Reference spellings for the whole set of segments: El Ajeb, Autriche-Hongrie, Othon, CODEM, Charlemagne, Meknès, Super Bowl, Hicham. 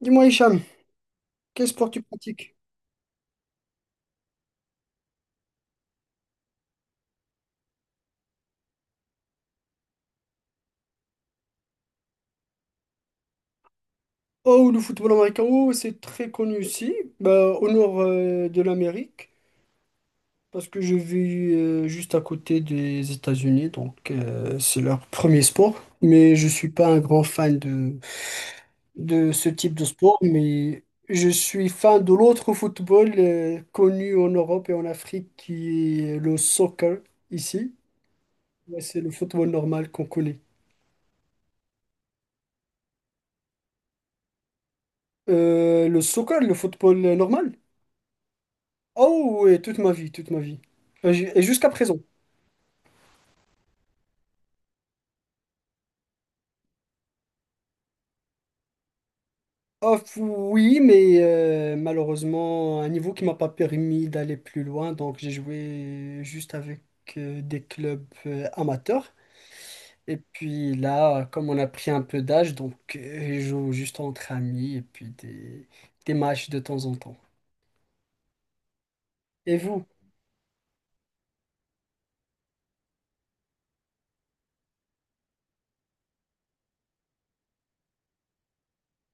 Dis-moi, Hicham, quel sport tu pratiques? Oh, le football américain, oh, c'est très connu ici, bah, au nord de l'Amérique, parce que je vis juste à côté des États-Unis, donc c'est leur premier sport. Mais je suis pas un grand fan de ce type de sport, mais je suis fan de l'autre football connu en Europe et en Afrique, qui est le soccer ici. Ouais, c'est le football normal qu'on connaît. Le soccer, le football normal? Oh oui, toute ma vie, toute ma vie. Et jusqu'à présent. Oh, oui, mais malheureusement, un niveau qui m'a pas permis d'aller plus loin, donc j'ai joué juste avec des clubs amateurs. Et puis là, comme on a pris un peu d'âge, donc je joue juste entre amis et puis des matchs de temps en temps. Et vous?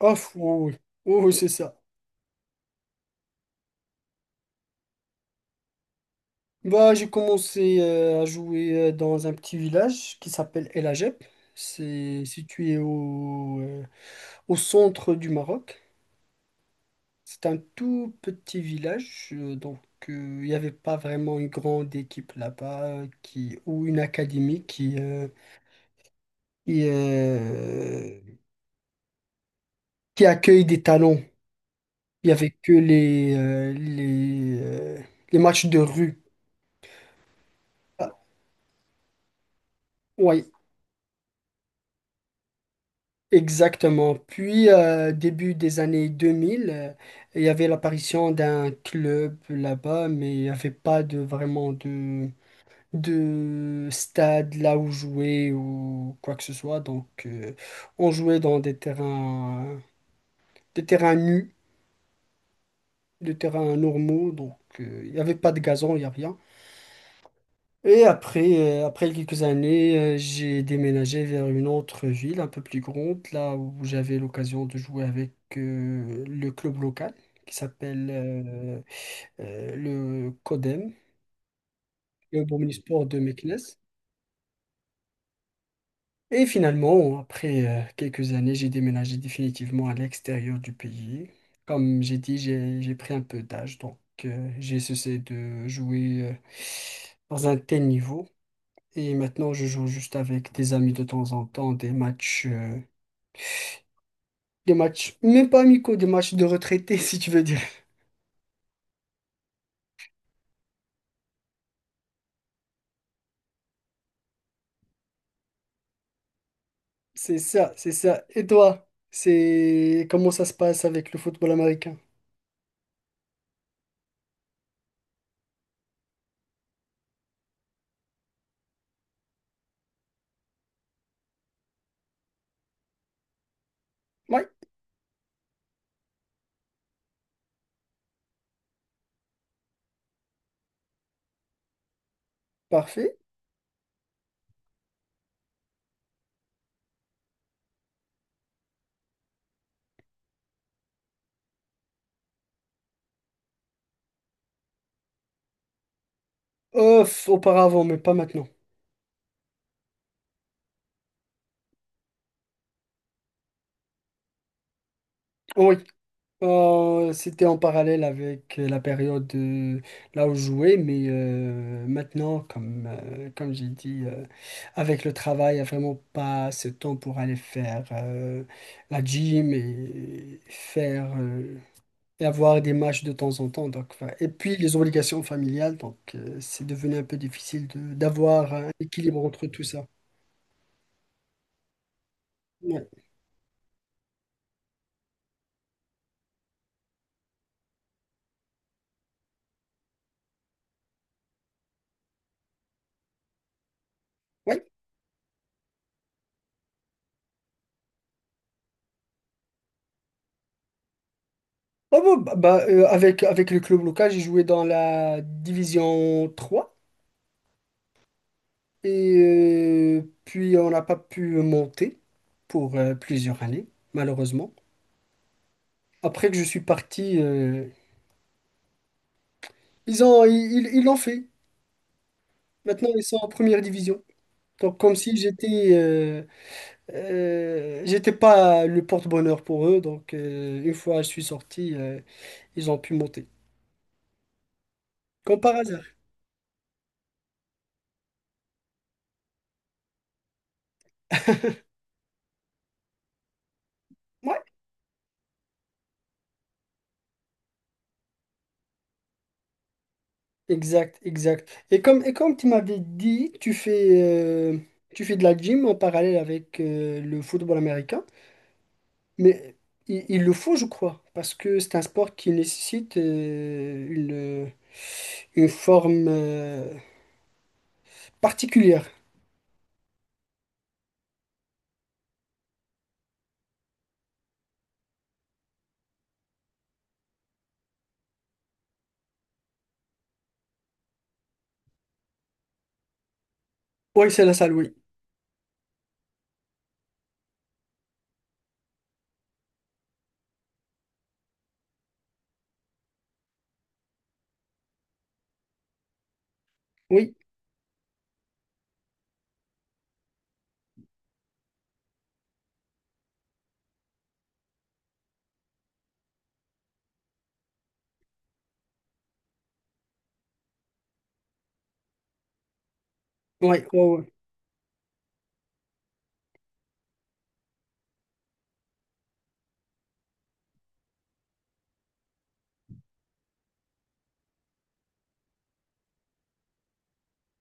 Oh, oui, oui, oh, oui, c'est ça. Bah, j'ai commencé à jouer dans un petit village qui s'appelle El Ajeb. C'est situé au centre du Maroc. C'est un tout petit village, donc euh, il n'y avait pas vraiment une grande équipe là-bas ou une académie qui, euh, qui accueille des talents. Il n'y avait que les matchs de rue. Ah, ouais, exactement. Puis, début des années 2000, il y avait l'apparition d'un club là-bas, mais il n'y avait pas vraiment de stade là où jouer ou quoi que ce soit. Donc, on jouait dans des terrains nus, des terrains normaux. Donc, il n'y avait pas de gazon, il n'y a rien. Et après quelques années, j'ai déménagé vers une autre ville un peu plus grande, là où j'avais l'occasion de jouer avec le club local qui s'appelle le CODEM, le Omnisport de Meknès. Et finalement, après quelques années, j'ai déménagé définitivement à l'extérieur du pays. Comme j'ai dit, j'ai pris un peu d'âge, donc j'ai cessé de jouer dans un tel niveau. Et maintenant, je joue juste avec des amis de temps en temps, des matchs, même pas amicaux, des matchs de retraités, si tu veux dire. C'est ça, c'est ça. Et toi, c'est comment ça se passe avec le football américain? Oui, parfait. Ouf, auparavant, mais pas maintenant. Oui. C'était en parallèle avec la période là où je jouais, mais maintenant, comme j'ai dit, avec le travail, il n'y a vraiment pas ce temps pour aller faire la gym et avoir des matchs de temps en temps. Donc, enfin, et puis les obligations familiales, donc c'est devenu un peu difficile d'avoir un équilibre entre tout ça. Ouais. Ouais. Oh, bon, bah, avec le club local, j'ai joué dans la division trois. Et puis, on n'a pas pu monter pour plusieurs années, malheureusement. Après que je suis parti, ils l'ont fait. Maintenant, ils sont en première division. Donc, comme si j'étais pas le porte-bonheur pour eux. Donc, une fois je suis sorti, ils ont pu monter. Comme par hasard. Ouais, exact, exact. Et comme tu m'avais dit, euh, tu fais de la gym en parallèle avec le football américain. Mais il le faut, je crois, parce que c'est un sport qui nécessite une forme particulière. Oui, c'est la salle, oui. Oui, oui, oui, oui.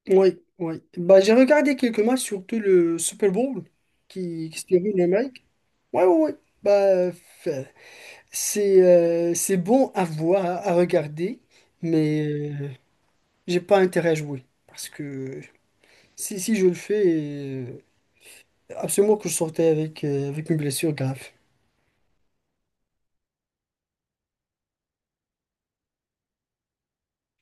Oui, oui. Bah, j'ai regardé quelques matchs, surtout le Super Bowl qui se déroule en Amérique. Oui, oui, oui. Bah, c'est c'est bon à voir, à regarder, mais j'ai pas intérêt à jouer. Parce que si je le fais. Absolument que je sortais avec une blessure grave.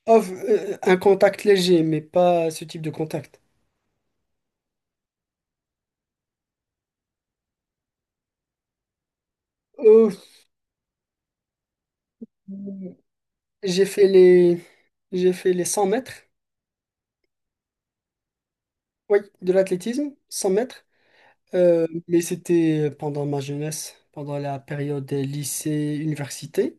Off, un contact léger, mais pas ce type de contact. Euh, j'ai fait les 100 mètres, oui, de l'athlétisme, 100 mètres. Mais c'était pendant ma jeunesse, pendant la période lycée-université.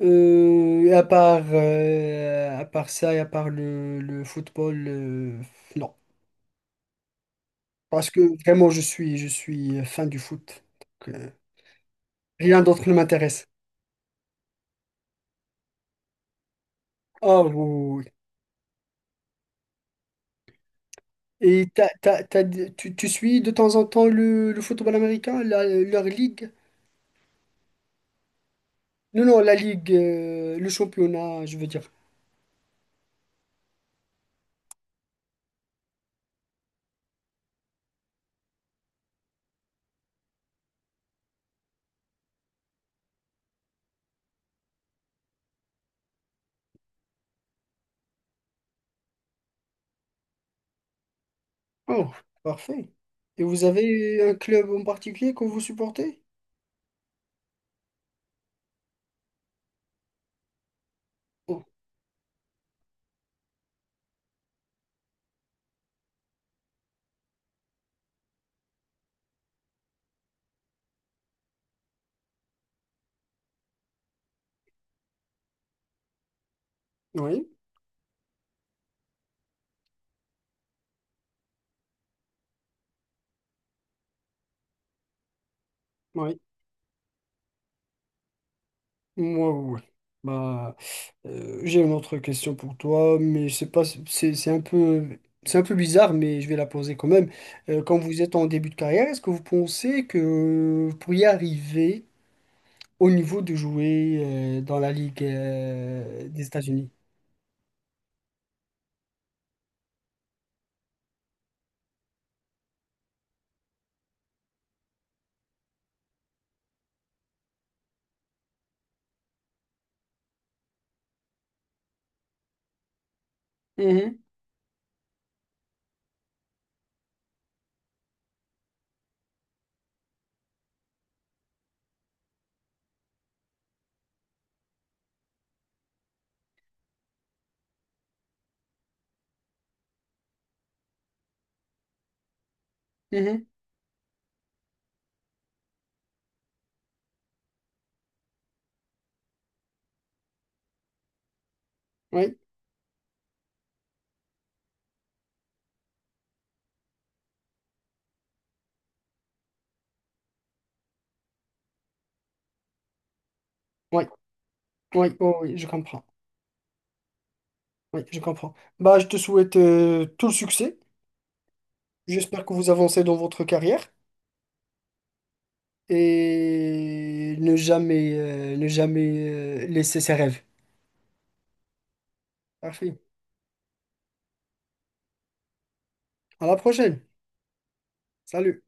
Et à part ça et à part le football, non. Parce que vraiment, je suis fan du foot. Donc, rien d'autre ne m'intéresse. Ah oui. Oui, oui. Et tu suis de temps en temps le football américain, leur ligue? Non, non, la ligue, le championnat, je veux dire. Oh, parfait. Et vous avez un club en particulier que vous supportez? Oh, oui, oui. Moi, oui. Oui. Bah, j'ai une autre question pour toi, mais c'est pas, c'est un peu bizarre, mais je vais la poser quand même. Quand vous êtes en début de carrière, est-ce que vous pensez que vous pourriez arriver au niveau de jouer dans la Ligue des États-Unis. Mhm, mhm, oui, oui, oui, oh oui, je comprends. Oui, je comprends. Bah, je te souhaite tout le succès. J'espère que vous avancez dans votre carrière et ne jamais laisser ses rêves. Parfait. À la prochaine. Salut.